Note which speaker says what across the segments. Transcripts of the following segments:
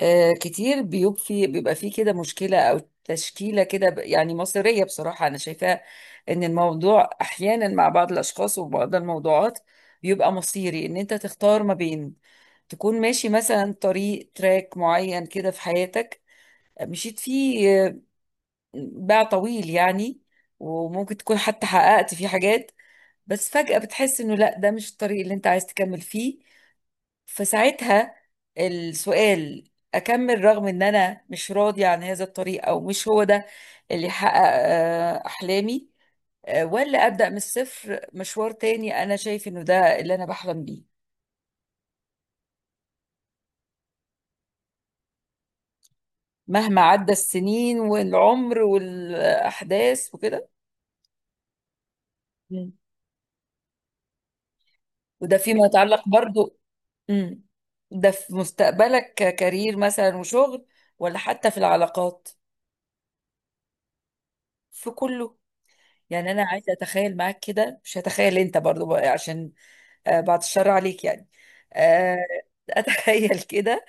Speaker 1: كتير بيبقى في كده مشكلة أو تشكيلة كده يعني مصيرية، بصراحة أنا شايفاه إن الموضوع أحيانا مع بعض الأشخاص وبعض الموضوعات بيبقى مصيري، إن أنت تختار ما بين تكون ماشي مثلا طريق تراك معين كده في حياتك مشيت فيه باع طويل يعني. وممكن تكون حتى حققت فيه حاجات، بس فجأة بتحس إنه لأ، ده مش الطريق اللي أنت عايز تكمل فيه، فساعتها السؤال: اكمل رغم ان انا مش راضي عن هذا الطريق، او مش هو ده اللي يحقق احلامي؟ ولا ابدا من الصفر مشوار تاني انا شايف انه ده اللي انا بحلم بيه؟ مهما عدى السنين والعمر والاحداث وكده. مم. وده فيما يتعلق برضو. مم. ده في مستقبلك ككارير مثلا وشغل، ولا حتى في العلاقات، في كله. يعني انا عايزه اتخيل معاك كده، مش هتخيل انت برضو بقى، عشان بعد الشر عليك يعني. آه، اتخيل كده،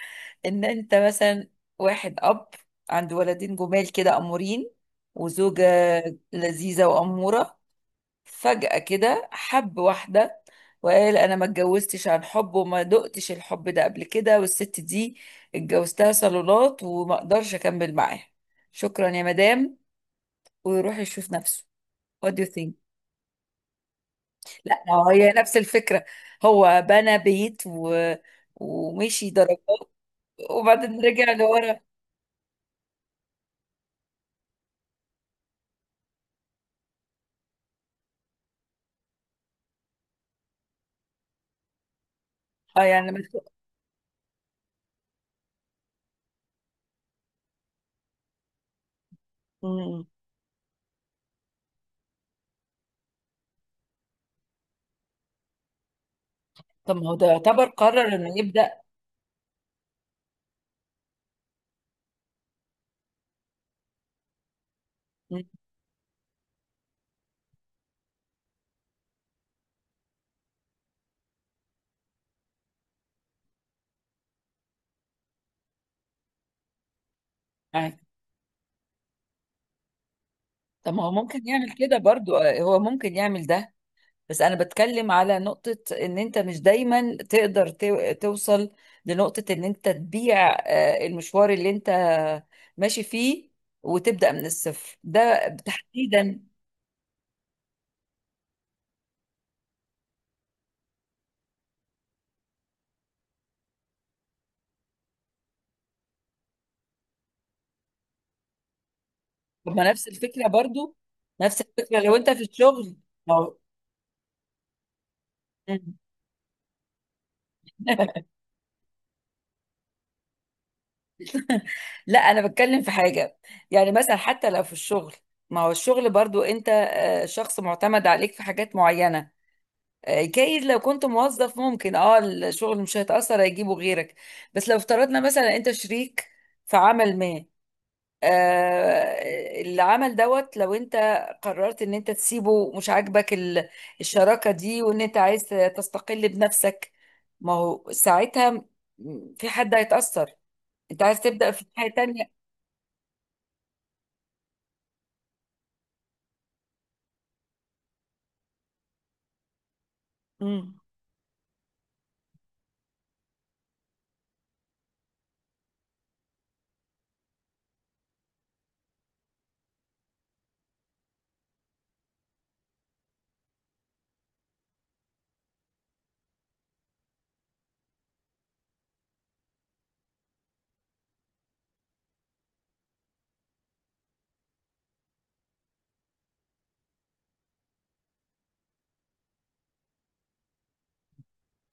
Speaker 1: ان انت مثلا واحد اب، عنده ولدين جمال كده امورين، وزوجة لذيذة وأمورة، فجأة كده حب واحدة، وقال: أنا ما اتجوزتش عن حب، وما دقتش الحب ده قبل كده، والست دي اتجوزتها صالونات، وما اقدرش أكمل معاها، شكرا يا مدام، ويروح يشوف نفسه. What do you think؟ لا، ما هو هي نفس الفكرة، هو بنى بيت ومشي درجات، وبعدين رجع لورا. اه يعني مش... مم. طب ما هو ده يعتبر قرر انه يبدأ. مم. آه. طب ما هو ممكن يعمل كده برضو، هو ممكن يعمل ده. بس انا بتكلم على نقطة، ان انت مش دايما تقدر توصل لنقطة ان انت تبيع المشوار اللي انت ماشي فيه، وتبدأ من الصفر ده تحديدا. طب ما نفس الفكرة برضو، نفس الفكرة لو انت في الشغل، لو مم. لا، انا بتكلم في حاجة، يعني مثلا حتى لو في الشغل، ما هو الشغل برضو انت شخص معتمد عليك في حاجات معينة. جايز لو كنت موظف، ممكن اه الشغل مش هيتأثر، هيجيبه غيرك. بس لو افترضنا مثلا انت شريك في عمل ما، العمل دوت، لو انت قررت ان انت تسيبه مش عاجبك الشراكة دي، وان انت عايز تستقل بنفسك، ما هو ساعتها في حد هيتأثر، انت عايز تبدأ في حاجة تانية. مم.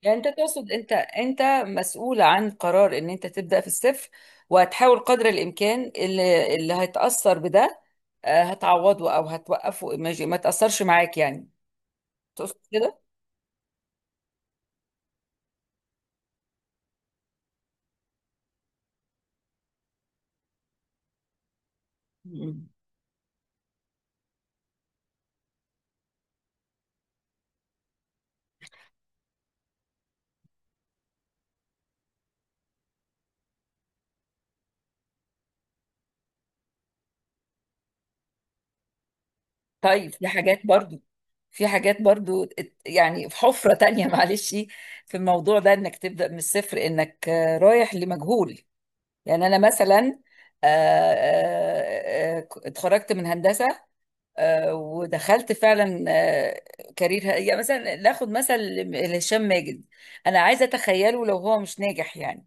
Speaker 1: يعني انت تقصد انت مسؤول عن قرار ان انت تبدأ في الصفر، وهتحاول قدر الامكان اللي هيتأثر بده هتعوضه او هتوقفه، ما تأثرش معاك يعني، تقصد كده؟ طيب في حاجات برضو، يعني في حفرة تانية معلش. في الموضوع ده انك تبدأ من الصفر، انك رايح لمجهول. يعني انا مثلا آه، اتخرجت من هندسة، ودخلت فعلا كارير، يعني مثلا ناخد مثل هشام ماجد. انا عايزة اتخيله لو هو مش ناجح يعني.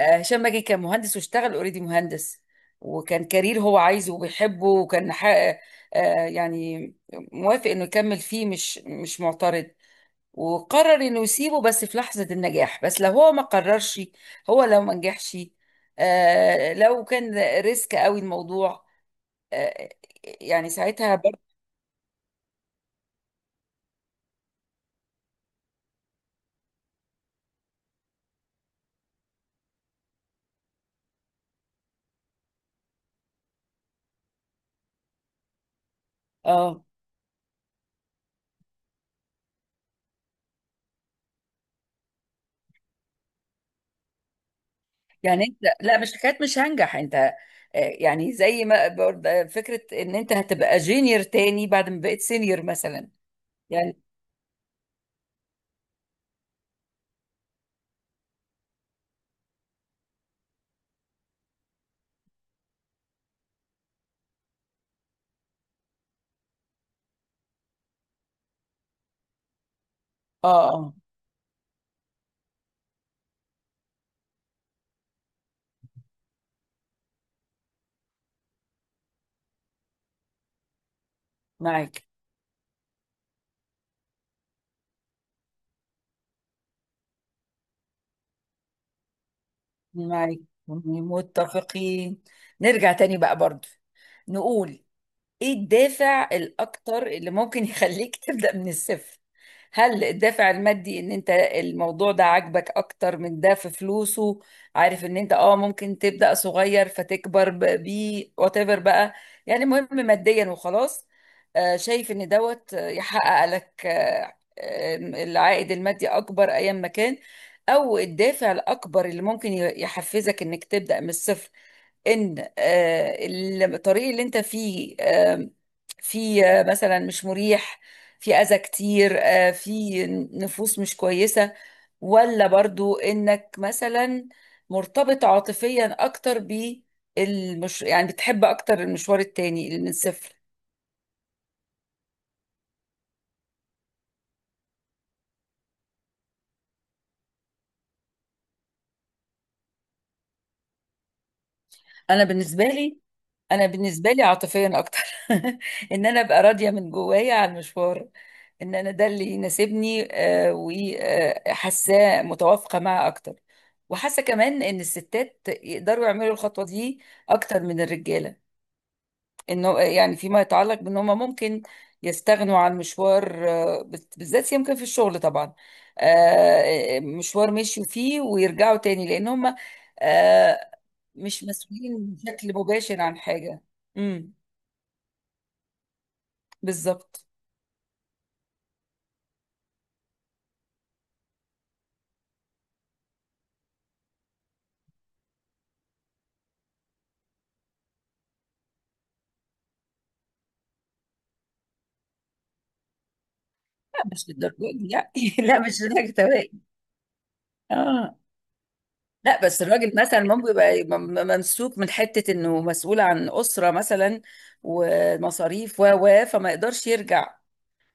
Speaker 1: هشام ماجد كان مهندس، واشتغل اوريدي مهندس، وكان كارير هو عايزه وبيحبه، وكان يعني موافق انه يكمل فيه، مش معترض. وقرر انه يسيبه بس في لحظة النجاح، بس لو هو ما قررش، هو لو ما نجحش، لو كان ريسك قوي الموضوع، آه، يعني ساعتها برضه. اه، يعني انت لا، مش حكايه مش هنجح انت، يعني زي ما برضه فكره ان انت هتبقى جونيور تاني بعد ما بقيت سينيور مثلا. يعني اه، اه، معاك، معاك، متفقين. نرجع تاني بقى برضو، نقول ايه الدافع الاكتر اللي ممكن يخليك تبدأ من الصفر؟ هل الدافع المادي، ان انت الموضوع ده عاجبك اكتر من ده، في فلوسه، عارف ان انت اه ممكن تبدأ صغير فتكبر بيه، وات ايفر بقى، يعني مهم ماديا وخلاص؟ شايف ان دوت يحقق لك العائد المادي اكبر ايام ما كان. او الدافع الاكبر اللي ممكن يحفزك انك تبدأ من الصفر، ان الطريق اللي انت فيه فيه مثلا مش مريح، فيه اذى كتير، فيه نفوس مش كويسة. ولا برضو انك مثلا مرتبط عاطفيا اكتر بالمش، يعني بتحب اكتر المشوار التاني اللي من الصفر. انا بالنسبة لي انا بالنسبة لي عاطفيا اكتر ان انا ابقى راضية من جوايا عن المشوار، ان انا ده اللي يناسبني، وحاساه متوافقه معاه اكتر. وحاسه كمان ان الستات يقدروا يعملوا الخطوه دي اكتر من الرجاله، انه يعني فيما يتعلق بان هم ممكن يستغنوا عن مشوار بالذات يمكن في الشغل طبعا، مشوار مشيوا فيه ويرجعوا تاني، لان هم آه، مش مسؤولين بشكل مباشر عن حاجه. امم بالظبط. لا، مش للدرجه دي يعني لا مش لدرجه توائم. اه. لا، بس الراجل مثلا ممكن يبقى ممسوك من حتة انه مسؤول عن أسرة مثلا، ومصاريف و، فما يقدرش يرجع،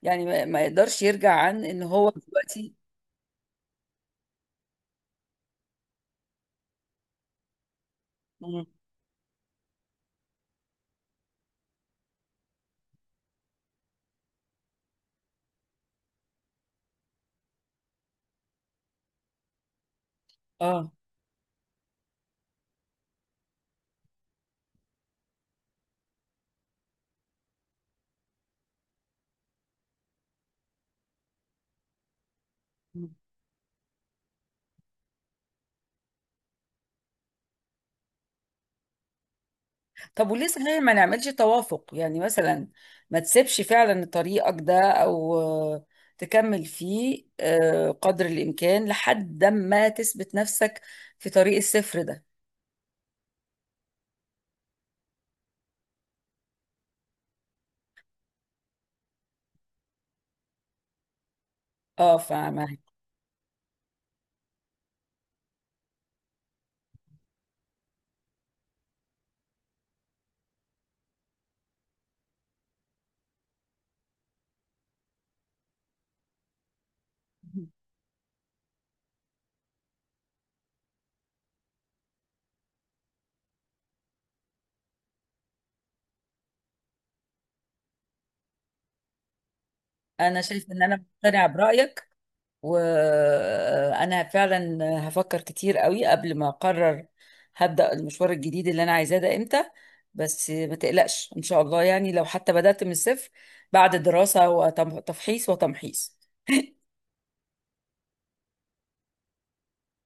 Speaker 1: يعني ما يقدرش يرجع عن ان هو دلوقتي. مم. اه. مم. طب وليه صحيح ما نعملش توافق؟ يعني مثلا، ما تسيبش فعلا طريقك ده، او تكمل فيه قدر الامكان لحد ما تثبت نفسك في طريق الصفر ده. اه، فاهمة. انا شايفه ان انا مقتنعه برايك، وانا فعلا هفكر كتير قوي قبل ما اقرر هبدأ المشوار الجديد اللي انا عايزاه ده امتى، بس ما تقلقش ان شاء الله، يعني لو حتى بدأت من الصفر، بعد دراسة وتفحيص وتمحيص.